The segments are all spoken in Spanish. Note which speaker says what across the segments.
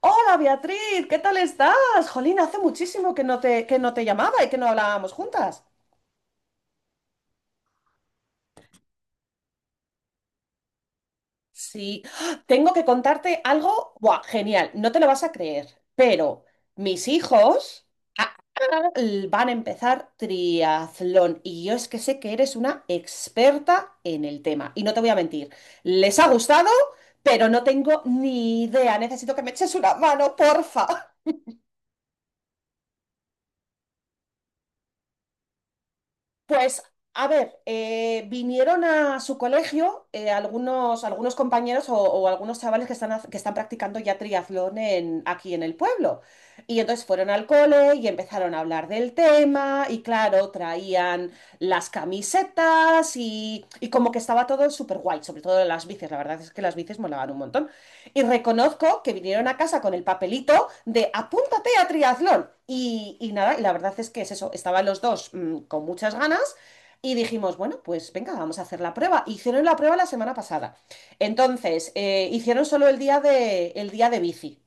Speaker 1: Hola Beatriz, ¿qué tal estás? Jolín, hace muchísimo que no te llamaba y que no hablábamos juntas. Sí, ¡ah! Tengo que contarte algo, ¡buah, genial! No te lo vas a creer, pero mis hijos ah, van a empezar triatlón y yo es que sé que eres una experta en el tema y no te voy a mentir, les ha gustado, pero no tengo ni idea, necesito que me eches una mano, porfa. Pues, a ver, vinieron a su colegio, algunos compañeros o algunos chavales que están practicando ya triatlón aquí en el pueblo. Y entonces fueron al cole y empezaron a hablar del tema y claro, traían las camisetas y como que estaba todo súper guay, sobre todo las bicis, la verdad es que las bicis molaban un montón. Y reconozco que vinieron a casa con el papelito de apúntate a triatlón. Y nada, y la verdad es que es eso, estaban los dos con muchas ganas y dijimos, bueno, pues venga, vamos a hacer la prueba. Hicieron la prueba la semana pasada. Entonces, hicieron solo el día de, bici,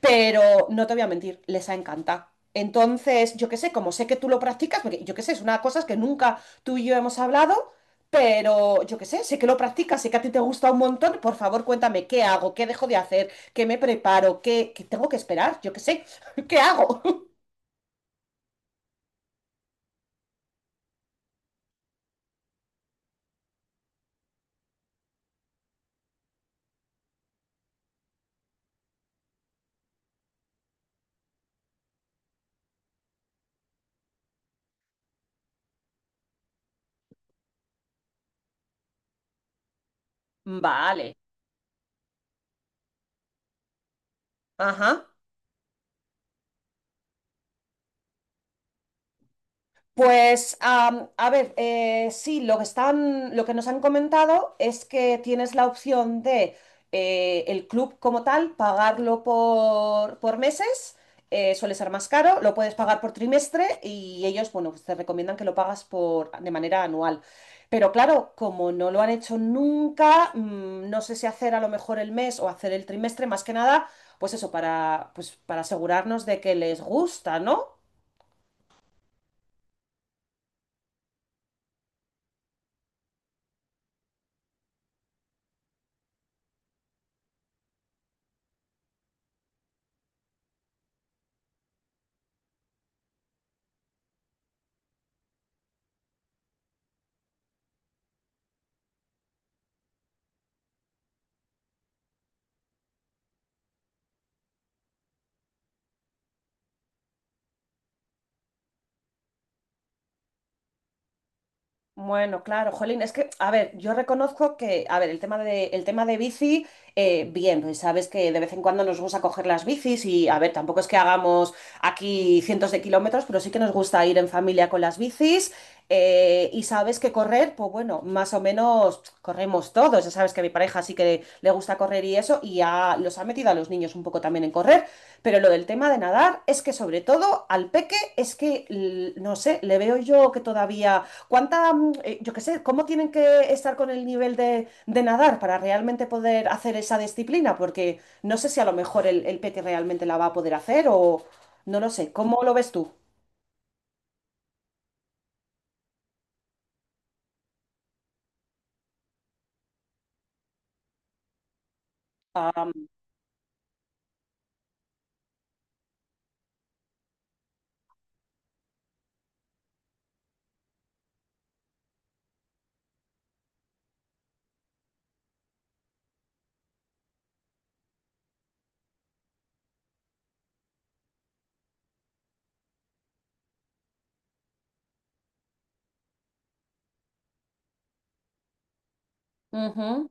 Speaker 1: pero no te voy a mentir, les ha encantado. Entonces, yo qué sé, como sé que tú lo practicas, porque yo qué sé, es una cosa que nunca tú y yo hemos hablado, pero yo qué sé, sé que lo practicas, sé que a ti te gusta un montón, por favor cuéntame qué hago, qué dejo de hacer, qué me preparo, qué tengo que esperar, yo qué sé, qué hago. Vale, ajá. Pues, a ver, sí, lo que nos han comentado es que tienes la opción de, el club como tal, pagarlo por meses, suele ser más caro, lo puedes pagar por trimestre y ellos, bueno, pues te recomiendan que lo pagas por, de manera anual. Pero claro, como no lo han hecho nunca, no sé si hacer a lo mejor el mes o hacer el trimestre, más que nada, pues eso, pues, para asegurarnos de que les gusta, ¿no? Bueno, claro, Jolín, es que, a ver, yo reconozco que, a ver, el tema de bici, bien, pues sabes que de vez en cuando nos gusta coger las bicis y, a ver, tampoco es que hagamos aquí cientos de kilómetros, pero sí que nos gusta ir en familia con las bicis, y sabes que correr, pues bueno, más o menos corremos todos, ya sabes que a mi pareja sí que le gusta correr y eso y ya los ha metido a los niños un poco también en correr, pero lo del tema de nadar es que sobre todo al peque es que, no sé, le veo yo que todavía. ¿Yo qué sé, cómo tienen que estar con el nivel de, nadar para realmente poder hacer esa disciplina? Porque no sé si a lo mejor el Peti realmente la va a poder hacer o no lo sé. ¿Cómo lo ves tú? Am, Ujú.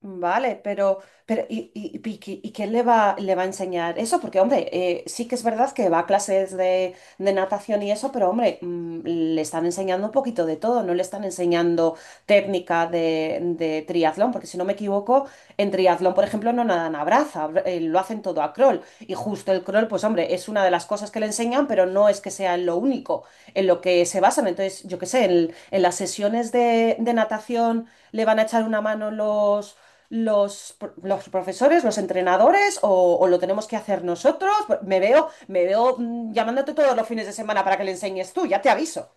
Speaker 1: Vale, pero ¿y qué le va a enseñar eso? Porque, hombre, sí que es verdad que va a clases de, natación y eso, pero, hombre, le están enseñando un poquito de todo, no le están enseñando técnica de triatlón, porque si no me equivoco, en triatlón, por ejemplo, no nadan a braza, lo hacen todo a crawl. Y justo el crawl, pues, hombre, es una de las cosas que le enseñan, pero no es que sea lo único en lo que se basan. Entonces, yo qué sé, en las sesiones de natación le van a echar una mano los profesores, los entrenadores o lo tenemos que hacer nosotros? Pues, me veo, llamándote todos los fines de semana para que le enseñes tú, ya te aviso.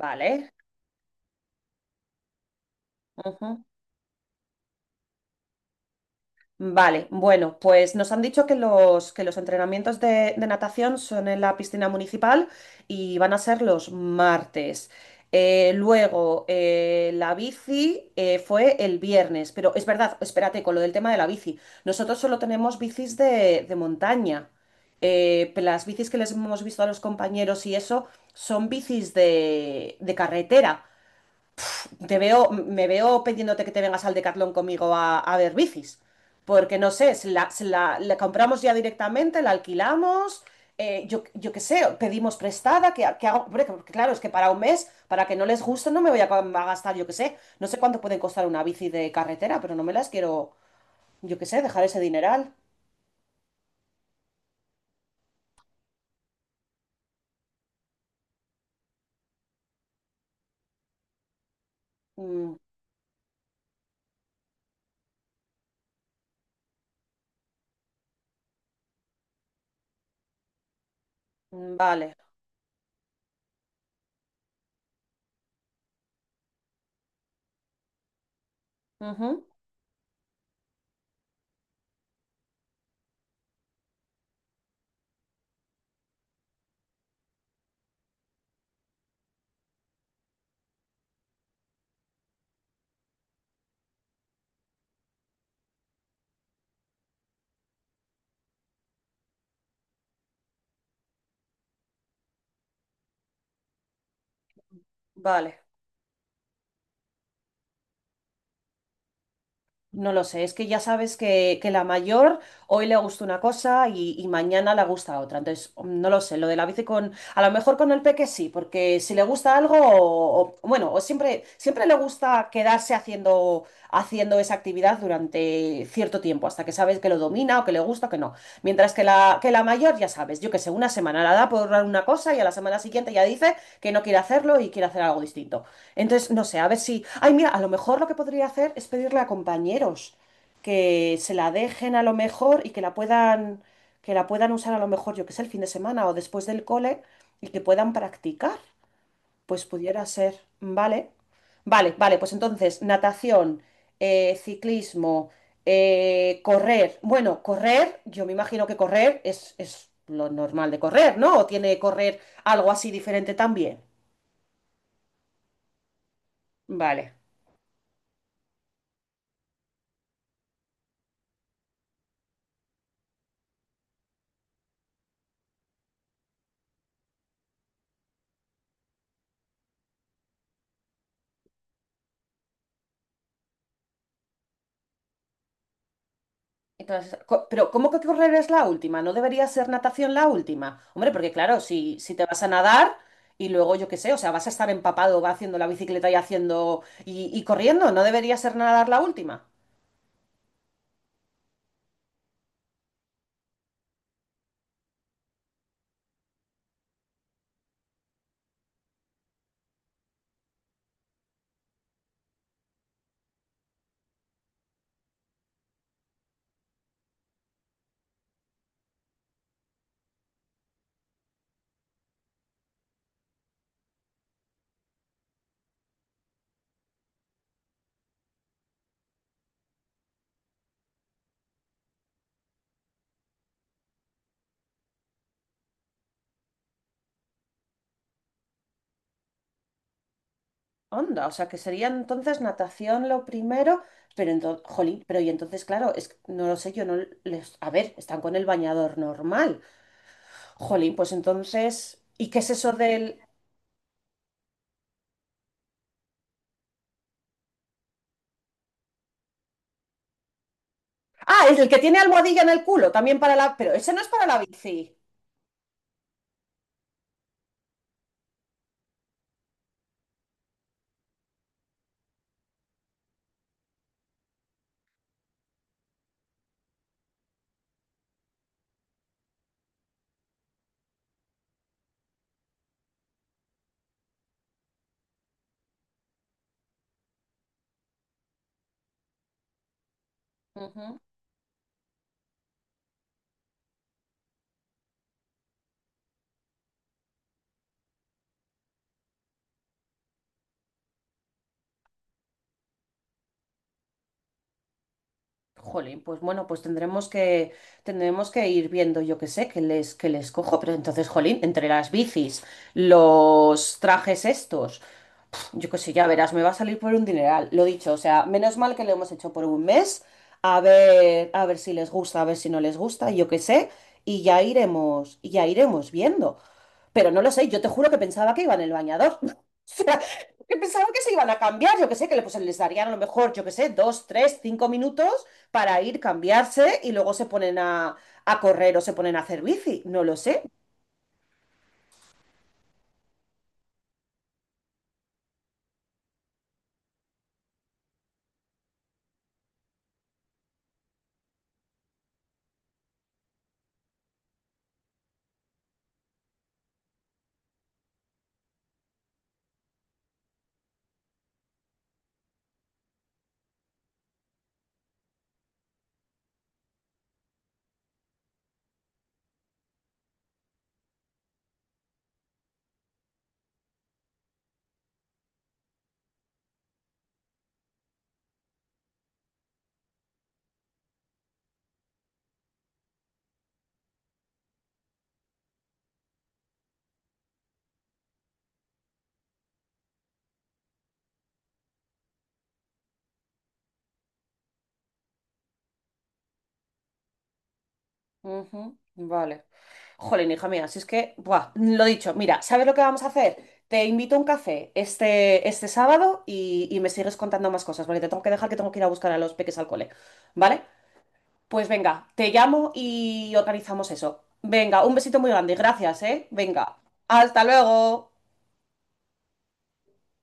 Speaker 1: Vale. Vale, bueno, pues nos han dicho que los, entrenamientos de natación son en la piscina municipal y van a ser los martes. Luego, la bici, fue el viernes, pero es verdad, espérate, con lo del tema de la bici. Nosotros solo tenemos bicis de, montaña. Las bicis que les hemos visto a los compañeros y eso son bicis de carretera. Me veo pidiéndote que te vengas al Decathlon conmigo a ver bicis. Porque no sé, si la compramos ya directamente, la alquilamos, yo qué sé, pedimos prestada, que hago, hombre, porque claro, es que para un mes, para que no les guste, no me voy a gastar, yo qué sé, no sé cuánto pueden costar una bici de carretera, pero no me las quiero, yo qué sé, dejar ese dineral. Mm, mm, vale, ujú, vale. No lo sé, es que ya sabes que la mayor hoy le gusta una cosa y mañana le gusta otra. Entonces, no lo sé, lo de la bici con, a lo mejor con el peque sí, porque si le gusta algo, bueno, o siempre, siempre le gusta quedarse haciendo, haciendo esa actividad durante cierto tiempo, hasta que sabes que lo domina o que le gusta o que no. Mientras que la mayor, ya sabes, yo que sé, una semana la da por una cosa y a la semana siguiente ya dice que no quiere hacerlo y quiere hacer algo distinto. Entonces, no sé, a ver si. Ay, mira, a lo mejor lo que podría hacer es pedirle a compañeros que se la dejen a lo mejor y que la puedan usar a lo mejor, yo que sé, el fin de semana o después del cole y que puedan practicar. Pues pudiera ser, ¿vale? Vale, vale, pues entonces, natación, ciclismo, correr. Bueno, correr, yo me imagino que correr es lo normal de correr, ¿no? ¿O tiene correr algo así diferente también? Vale. Entonces, pero ¿cómo que correr es la última? ¿No debería ser natación la última? Hombre, porque claro, si te vas a nadar y luego yo qué sé, o sea, vas a estar empapado, va haciendo la bicicleta y haciendo y corriendo, ¿no debería ser nadar la última? Onda, o sea, que sería entonces natación lo primero, pero entonces, jolín, pero y entonces, claro, es que no lo sé, yo no les, a ver, están con el bañador normal. Jolín, pues entonces, ¿y qué es eso del...? Ah, es el que tiene almohadilla en el culo, también para la... Pero ese no es para la bici. Ujú. Jolín, pues bueno, pues tendremos tendremos que ir viendo, yo qué sé, que les cojo. Pero entonces, jolín, entre las bicis, los trajes estos, yo qué sé, ya verás, me va a salir por un dineral. Lo dicho, o sea, menos mal que lo hemos hecho por un mes, a ver si les gusta, a ver si no les gusta, yo qué sé, y ya iremos viendo. Pero no lo sé, yo te juro que pensaba que iba en el bañador. O sea, que pensaba que se iban a cambiar, yo que sé, pues, les darían a lo mejor, yo que sé, 2, 3, 5 minutos para ir, cambiarse y luego se ponen a, correr o se ponen a hacer bici, no lo sé. Ujú, vale. Jolín, hija mía, si es que, buah, lo dicho, mira, ¿sabes lo que vamos a hacer? Te invito a un café este sábado y me sigues contando más cosas, porque te tengo que dejar que tengo que ir a buscar a los peques al cole, ¿vale? Pues venga, te llamo y organizamos eso. Venga, un besito muy grande. Gracias, ¿eh? Venga, hasta luego.